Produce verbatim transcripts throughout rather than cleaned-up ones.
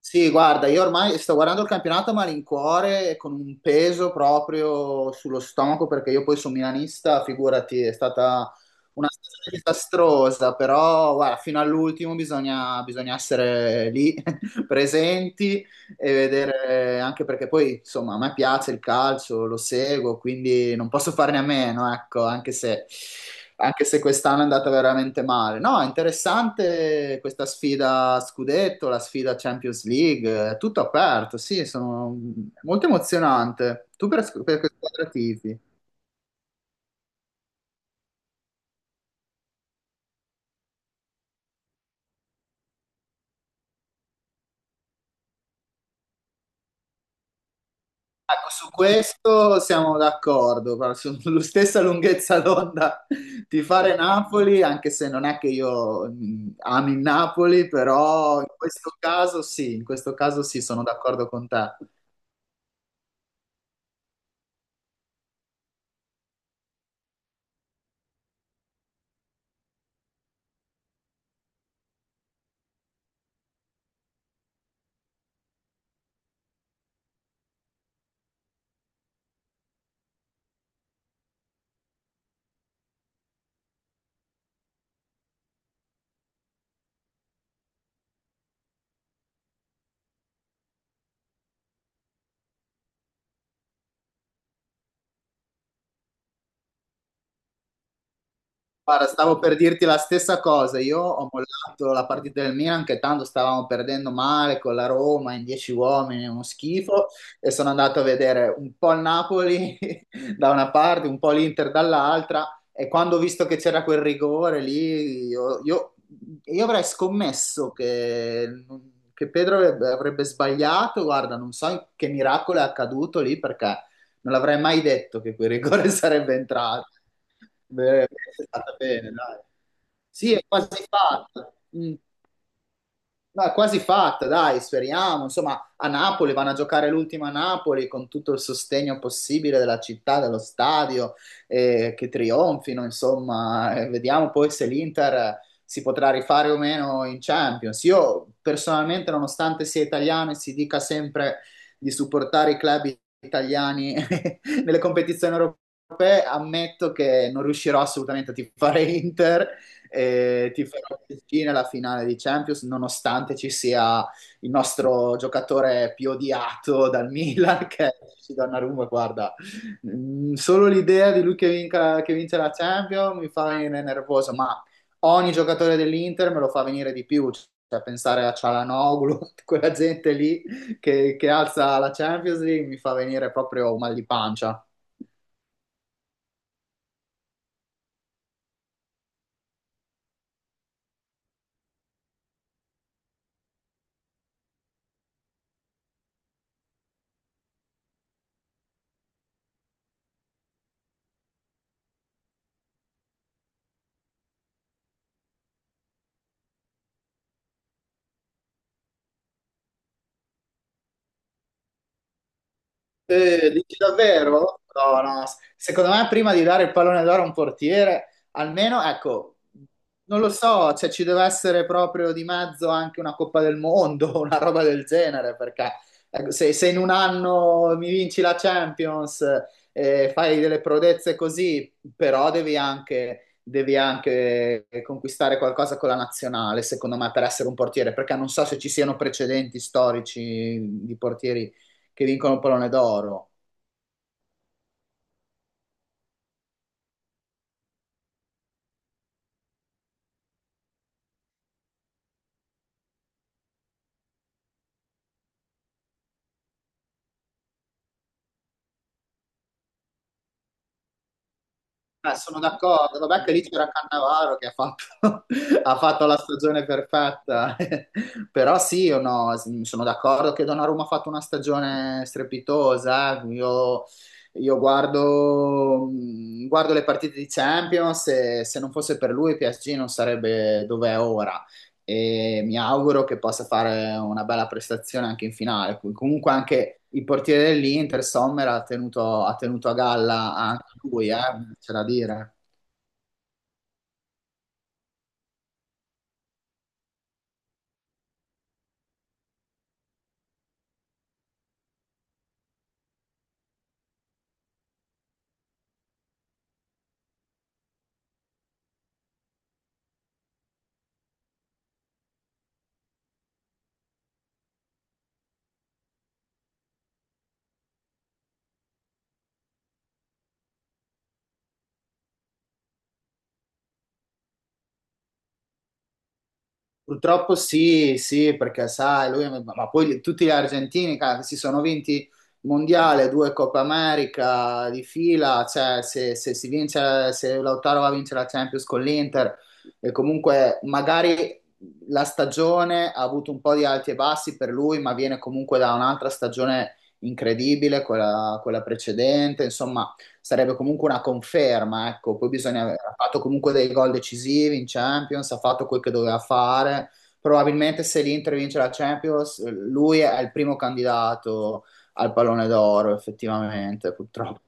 Sì, guarda, io ormai sto guardando il campionato a malincuore e con un peso proprio sullo stomaco perché io poi sono milanista, figurati, è stata una stagione disastrosa, però guarda, fino all'ultimo bisogna, bisogna essere lì presenti e vedere anche perché poi, insomma, a me piace il calcio, lo seguo, quindi non posso farne a meno, ecco, anche se, anche se quest'anno è andata veramente male. No, è interessante questa sfida a scudetto, la sfida Champions League, è tutto aperto, sì, sono molto emozionante. Tu per, per che squadra tifi? Ecco, su questo siamo d'accordo, guarda, sulla stessa lunghezza d'onda di fare Napoli, anche se non è che io mh, ami il Napoli, però in questo caso sì, in questo caso sì, sono d'accordo con te. Guarda, stavo per dirti la stessa cosa. Io ho mollato la partita del Milan, che tanto stavamo perdendo male con la Roma in dieci uomini, uno schifo. E sono andato a vedere un po' il Napoli da una parte, un po' l'Inter dall'altra. E quando ho visto che c'era quel rigore lì, io, io- io avrei scommesso che, che Pedro avrebbe avrebbe sbagliato. Guarda, non so che miracolo è accaduto lì perché non avrei mai detto che quel rigore sarebbe entrato. Beh, è stata bene, dai. Sì, è quasi fatto. Mm, No, è quasi fatta, dai, speriamo. Insomma, a Napoli vanno a giocare l'ultima a Napoli con tutto il sostegno possibile della città, dello stadio, eh, che trionfino, insomma. Eh, vediamo poi se l'Inter si potrà rifare o meno in Champions. Io personalmente, nonostante sia italiano e si dica sempre di supportare i club italiani nelle competizioni europee, ammetto che non riuscirò assolutamente a tifare Inter e ti farò vicino alla finale di Champions, nonostante ci sia il nostro giocatore più odiato dal Milan, che è Donnarumma, guarda, mm, solo l'idea di lui che, vinca- che vince la Champions mi fa venire nervoso, ma ogni giocatore dell'Inter me lo fa venire di più, cioè pensare a Cialanoglu, quella gente lì che, che alza la Champions League mi fa venire proprio mal di pancia. Eh, dici davvero? No, no, s- secondo me prima di dare il pallone d'oro a un portiere, almeno, ecco, non lo so, cioè ci deve essere proprio di mezzo anche una Coppa del Mondo, una roba del genere, perché ecco, se, se in un anno mi vinci la Champions e fai delle prodezze così, però devi anche, devi anche conquistare qualcosa con la nazionale, secondo me, per essere un portiere, perché non so se ci siano precedenti storici di portieri che vincono il pallone d'oro. Eh, sono d'accordo, vabbè che lì c'era Cannavaro che ha fatto, ha fatto la stagione perfetta, però sì, io no, s- sono d'accordo che Donnarumma ha fatto una stagione strepitosa, eh. Io, io guardo, mh, guardo le partite di Champions e se non fosse per lui P S G non sarebbe dove è ora, e mi auguro che possa fare una bella prestazione anche in finale. Comunque anche il portiere dell'Inter, Sommer, ha tenuto, ha tenuto a galla anche lui, eh, c'è da dire. Purtroppo sì, sì, perché sai, lui, ma poi li- tutti gli argentini cara, che si sono vinti il mondiale, due Coppa America di fila, cioè se, se si vince, se Lautaro va a vincere la Champions con l'Inter e comunque magari la stagione ha avuto un po' di alti e bassi per lui, ma viene comunque da un'altra stagione incredibile, quella, quella precedente, insomma sarebbe comunque una conferma, ecco, poi bisogna aver ha fatto comunque dei gol decisivi in Champions, ha fatto quel che doveva fare, probabilmente se l'Inter vince la Champions, lui è il primo candidato al pallone d'oro, effettivamente, purtroppo.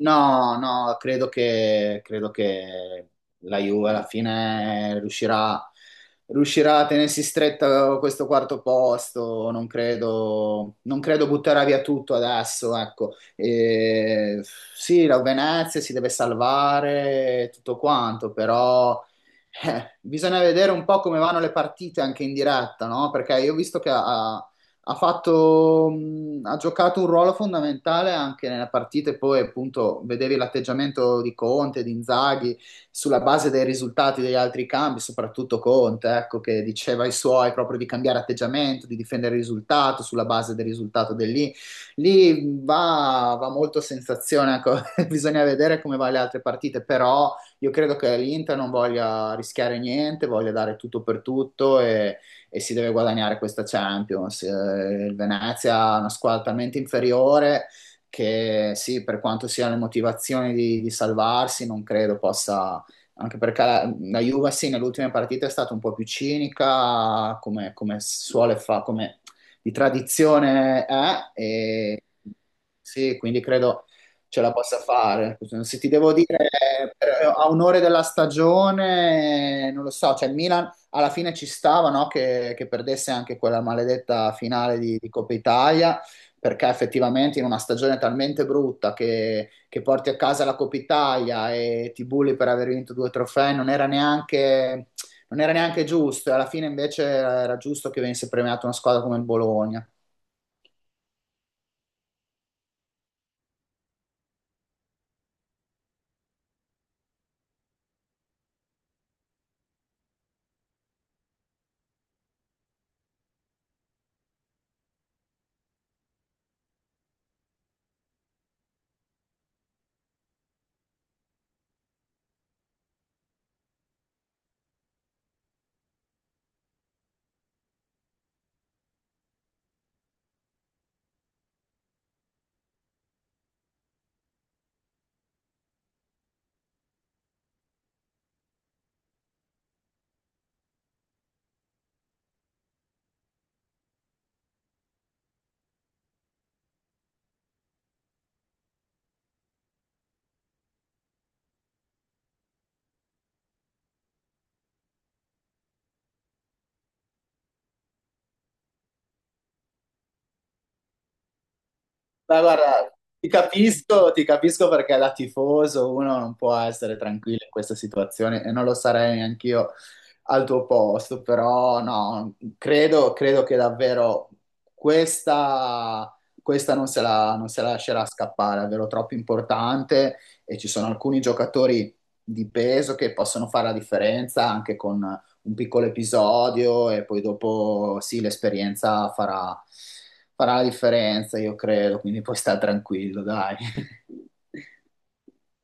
No, no, credo che, credo che la Juve alla fine riuscirà, riuscirà a tenersi stretta questo quarto posto. Non credo, non credo butterà via tutto adesso, ecco. E, sì, la Venezia si deve salvare, tutto quanto, però eh, bisogna vedere un po' come vanno le partite anche in diretta, no? Perché io ho visto che a ha fatto, mh, ha giocato un ruolo fondamentale anche nella partita e poi appunto vedevi l'atteggiamento di Conte, di Inzaghi, sulla base dei risultati degli altri cambi, soprattutto Conte, ecco, che diceva ai suoi proprio di cambiare atteggiamento, di difendere il risultato sulla base del risultato del lì. Lì va, va molto a sensazione, ecco, bisogna vedere come va le altre partite, però io credo che l'Inter non voglia rischiare niente, voglia dare tutto per tutto e e si deve guadagnare questa Champions. Eh, il Venezia è una squadra talmente inferiore che sì, per quanto siano le motivazioni di, di salvarsi, non credo possa, anche perché la, la Juve sì, nell'ultima partita è stata un po' più cinica, come, come suole fa, come di tradizione è, e sì, quindi credo ce la possa fare. Se ti devo dire, eh, a un'ora della stagione, non lo so, cioè il Milan alla fine ci stava, no, che, che perdesse anche quella maledetta finale di, di Coppa Italia, perché effettivamente in una stagione talmente brutta che, che porti a casa la Coppa Italia e ti bulli per aver vinto due trofei non era neanche, non era neanche giusto, e alla fine invece era era giusto che venisse premiata una squadra come il Bologna. Ma guarda, ti capisco, ti capisco perché da tifoso uno non può essere tranquillo in questa situazione e non lo sarei neanch'io al tuo posto, però no, credo, credo che davvero questa, questa non se la, non se la lascerà scappare, è davvero troppo importante e ci sono alcuni giocatori di peso che possono fare la differenza anche con un piccolo episodio e poi dopo sì, l'esperienza farà, farà la differenza, io credo, quindi puoi stare tranquillo, dai.